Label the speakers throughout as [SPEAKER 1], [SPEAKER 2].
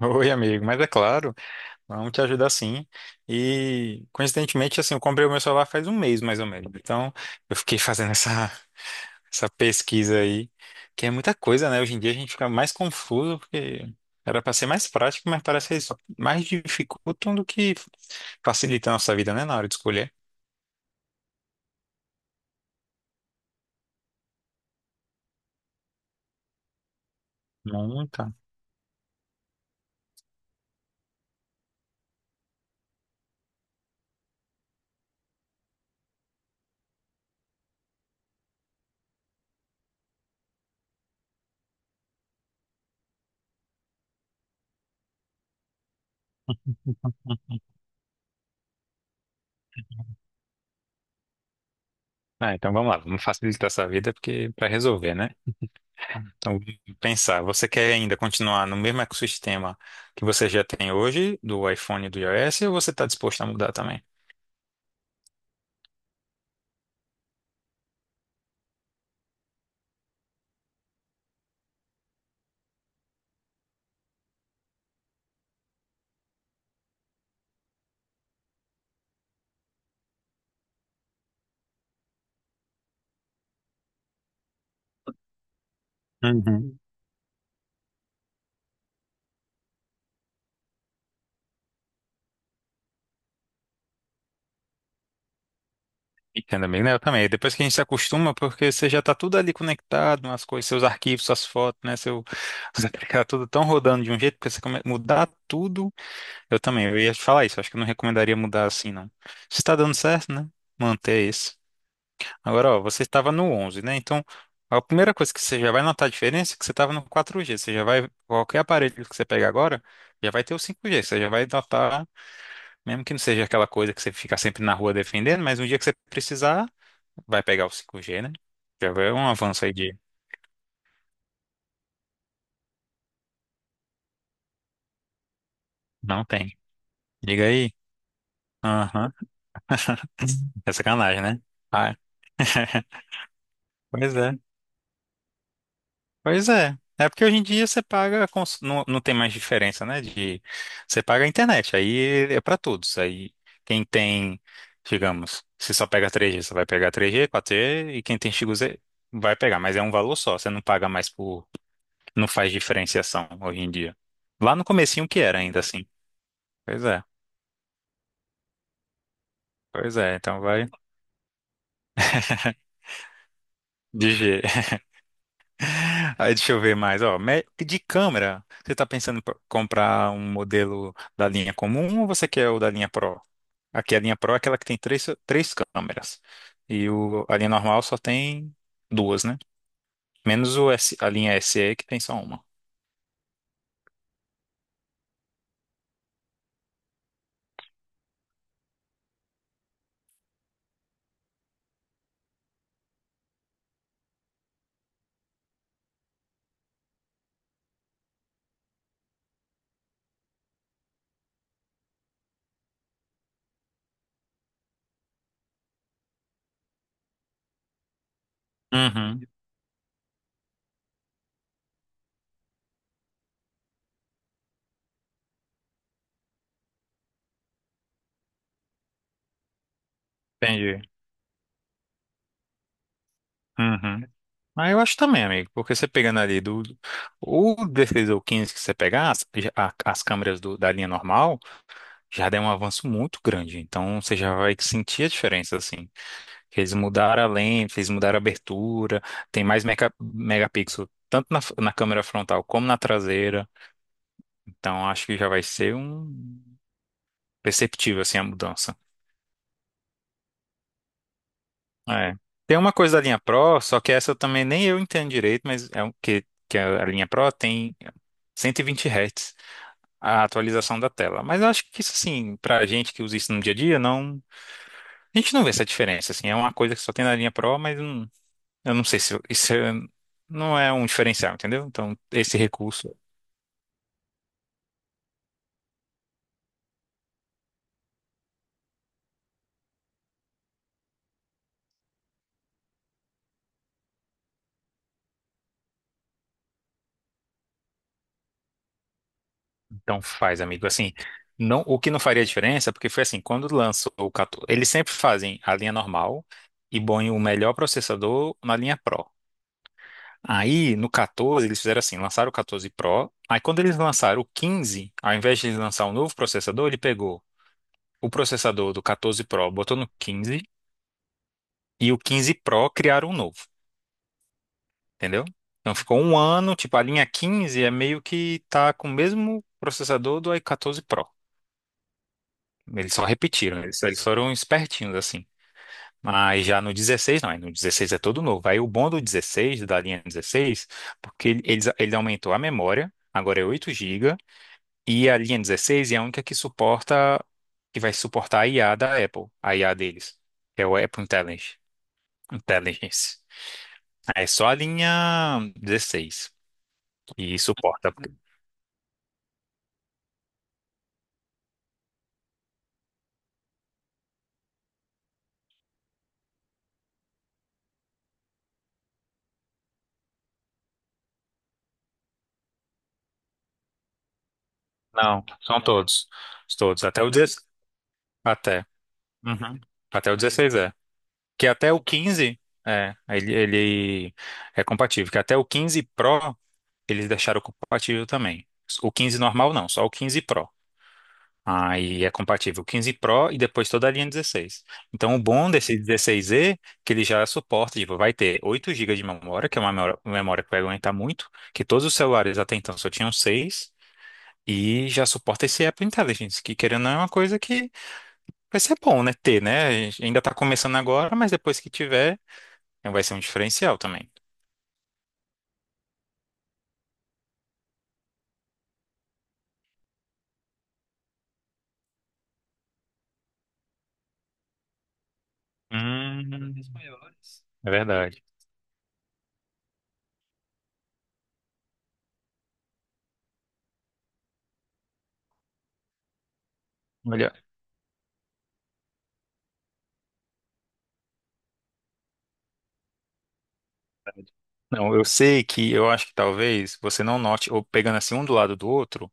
[SPEAKER 1] Oi, amigo, mas é claro, vamos te ajudar sim. E coincidentemente, assim, eu comprei o meu celular faz um mês mais ou menos. Então, eu fiquei fazendo essa pesquisa aí, que é muita coisa, né? Hoje em dia a gente fica mais confuso, porque era para ser mais prático, mas parece que eles mais dificultam do que facilitam a nossa vida, né? Na hora de escolher. Muita. Ah, então vamos lá, vamos facilitar essa vida, porque para resolver, né? Então, pensar, você quer ainda continuar no mesmo ecossistema que você já tem hoje, do iPhone e do iOS, ou você está disposto a mudar também? Uhum. Entendo, amigo, né? Eu também. Depois que a gente se acostuma, porque você já está tudo ali conectado, as coisas, seus arquivos, suas fotos, né? Seu, você fica tudo tão rodando de um jeito, porque você mudar tudo. Eu também, eu ia te falar isso, acho que eu não recomendaria mudar assim, não. Se está dando certo, né? Manter isso. Agora, ó, você estava no 11, né? Então, a primeira coisa que você já vai notar a diferença é que você estava no 4G. Qualquer aparelho que você pegar agora, já vai ter o 5G. Você já vai notar, mesmo que não seja aquela coisa que você fica sempre na rua defendendo, mas um dia que você precisar, vai pegar o 5G, né? Já vai um avanço aí de... Não tem. Diga aí. Aham. É sacanagem, né? Ah. Pois é. Pois é. É porque hoje em dia você paga, não, não tem mais diferença, né? De você paga a internet, aí é para todos. Aí quem tem, digamos, se só pega 3G você vai pegar 3G 4G e quem tem XG vai pegar, mas é um valor só, você não paga mais por, não faz diferenciação hoje em dia. Lá no comecinho que era ainda assim. Pois é. Pois é, então vai de G. Aí deixa eu ver mais, ó, de câmera, você tá pensando em comprar um modelo da linha comum ou você quer o da linha Pro? Aqui a linha Pro é aquela que tem três câmeras. E a linha normal só tem duas, né? Menos o S, a linha SE que tem só uma. Uhum, entendi. Uhum. Mas eu acho também, amigo, porque você pegando ali do. O 16 ou 15 que você pegar, as câmeras da linha normal já deu um avanço muito grande. Então você já vai sentir a diferença, assim. Que eles mudaram a lente, eles mudaram a abertura, tem mais megapixel, tanto na câmera frontal como na traseira. Então acho que já vai ser um perceptível assim a mudança. É. Tem uma coisa da linha Pro, só que essa eu também nem eu entendo direito, mas é o que, que a linha Pro tem 120 Hz a atualização da tela. Mas eu acho que isso assim, pra gente que usa isso no dia a dia, não, a gente não vê essa diferença assim. É uma coisa que só tem na linha Pro, mas eu não sei se isso não é um diferencial, entendeu? Então esse recurso. Então faz, amigo. Assim, não, o que não faria diferença, porque foi assim, quando lançou o 14, eles sempre fazem a linha normal e põem o melhor processador na linha Pro. Aí, no 14, eles fizeram assim, lançaram o 14 Pro. Aí, quando eles lançaram o 15, ao invés de eles lançar um novo processador, ele pegou o processador do 14 Pro, botou no 15, e o 15 Pro criaram um novo, entendeu? Então, ficou um ano, tipo, a linha 15 é meio que tá com o mesmo processador do i14 Pro. Eles só repetiram, eles foram espertinhos assim. Mas já no 16, não, aí no 16 é todo novo. Aí o bom do 16, da linha 16, porque ele aumentou a memória, agora é 8 gigas e a linha 16 é a única que suporta, que vai suportar a IA da Apple, a IA deles, que é o Apple Intelligence. Intelligence. É só a linha 16 que suporta. Não, são todos. Todos, até o 16. Até. Uhum. Até o 16 é. Que até o 15, é, ele é compatível, que até o 15 Pro eles deixaram compatível também. O 15 normal não, só o 15 Pro. Aí é compatível o 15 Pro e depois toda a linha 16. Então o bom desse 16E é que ele já suporta, tipo, vai ter 8 gigas de memória, que é uma memória que vai aguentar muito, que todos os celulares até então só tinham 6. E já suporta esse Apple Intelligence, que querendo ou não é uma coisa que vai ser bom, né? Ter, né? A gente ainda tá começando agora, mas depois que tiver, então vai ser um diferencial também. Hum, é verdade. Olha, não, eu sei que eu acho que talvez você não note, ou pegando assim um do lado do outro,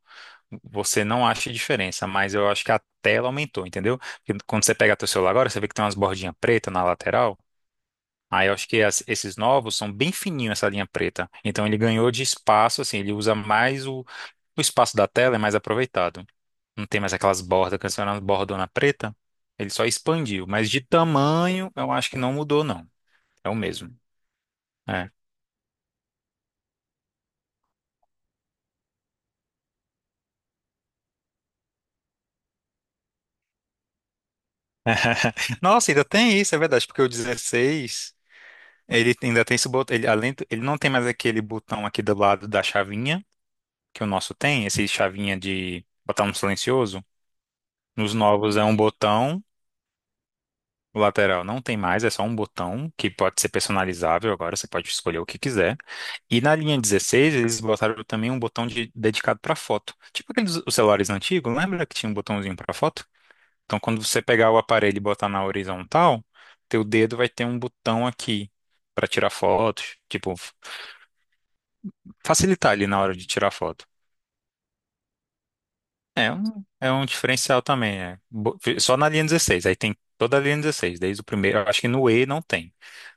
[SPEAKER 1] você não ache diferença, mas eu acho que a tela aumentou, entendeu? Porque quando você pega teu celular agora, você vê que tem umas bordinhas pretas na lateral. Aí eu acho que esses novos são bem fininhos essa linha preta. Então ele ganhou de espaço, assim, ele usa mais. O espaço da tela é mais aproveitado. Não tem mais aquelas bordas, que antes era uma bordona preta. Ele só expandiu, mas de tamanho eu acho que não mudou, não. É o mesmo. É. Nossa, ainda tem isso, é verdade, porque o 16 ele ainda tem esse botão, ele, além, ele não tem mais aquele botão aqui do lado da chavinha, que o nosso tem, esse chavinha de botar no silencioso. Nos novos é um botão. O lateral não tem mais, é só um botão que pode ser personalizável agora, você pode escolher o que quiser. E na linha 16 eles botaram também um botão dedicado para foto. Tipo aqueles os celulares antigos, lembra que tinha um botãozinho para foto? Então, quando você pegar o aparelho e botar na horizontal, teu dedo vai ter um botão aqui para tirar fotos, tipo, facilitar ali na hora de tirar foto. É um, é um diferencial também, é. Só na linha 16, aí tem toda a linha 16, desde o primeiro. Eu acho que no E não tem.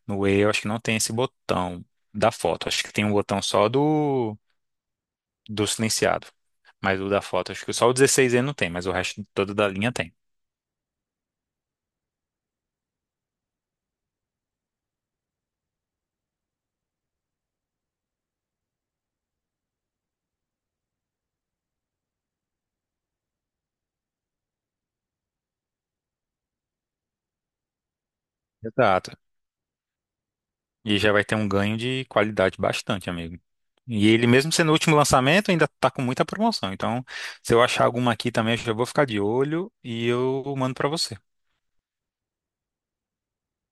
[SPEAKER 1] No E eu acho que não tem esse botão da foto. Acho que tem um botão só do silenciado. Mas o da foto, acho que só o 16E não tem, mas o resto todo da linha tem. Exato. E já vai ter um ganho de qualidade bastante, amigo. E ele, mesmo sendo o último lançamento, ainda tá com muita promoção. Então, se eu achar alguma aqui também, eu já vou ficar de olho e eu mando pra você.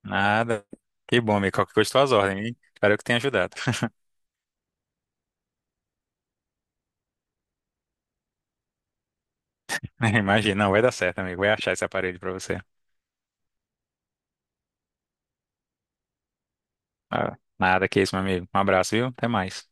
[SPEAKER 1] Nada. Que bom, amigo. Qualquer coisa, tuas ordens, hein? Espero que tenha ajudado. Imagina, não vai dar certo, amigo. Vai achar esse aparelho pra você. Ah, nada que isso, meu amigo. Um abraço, viu? Até mais.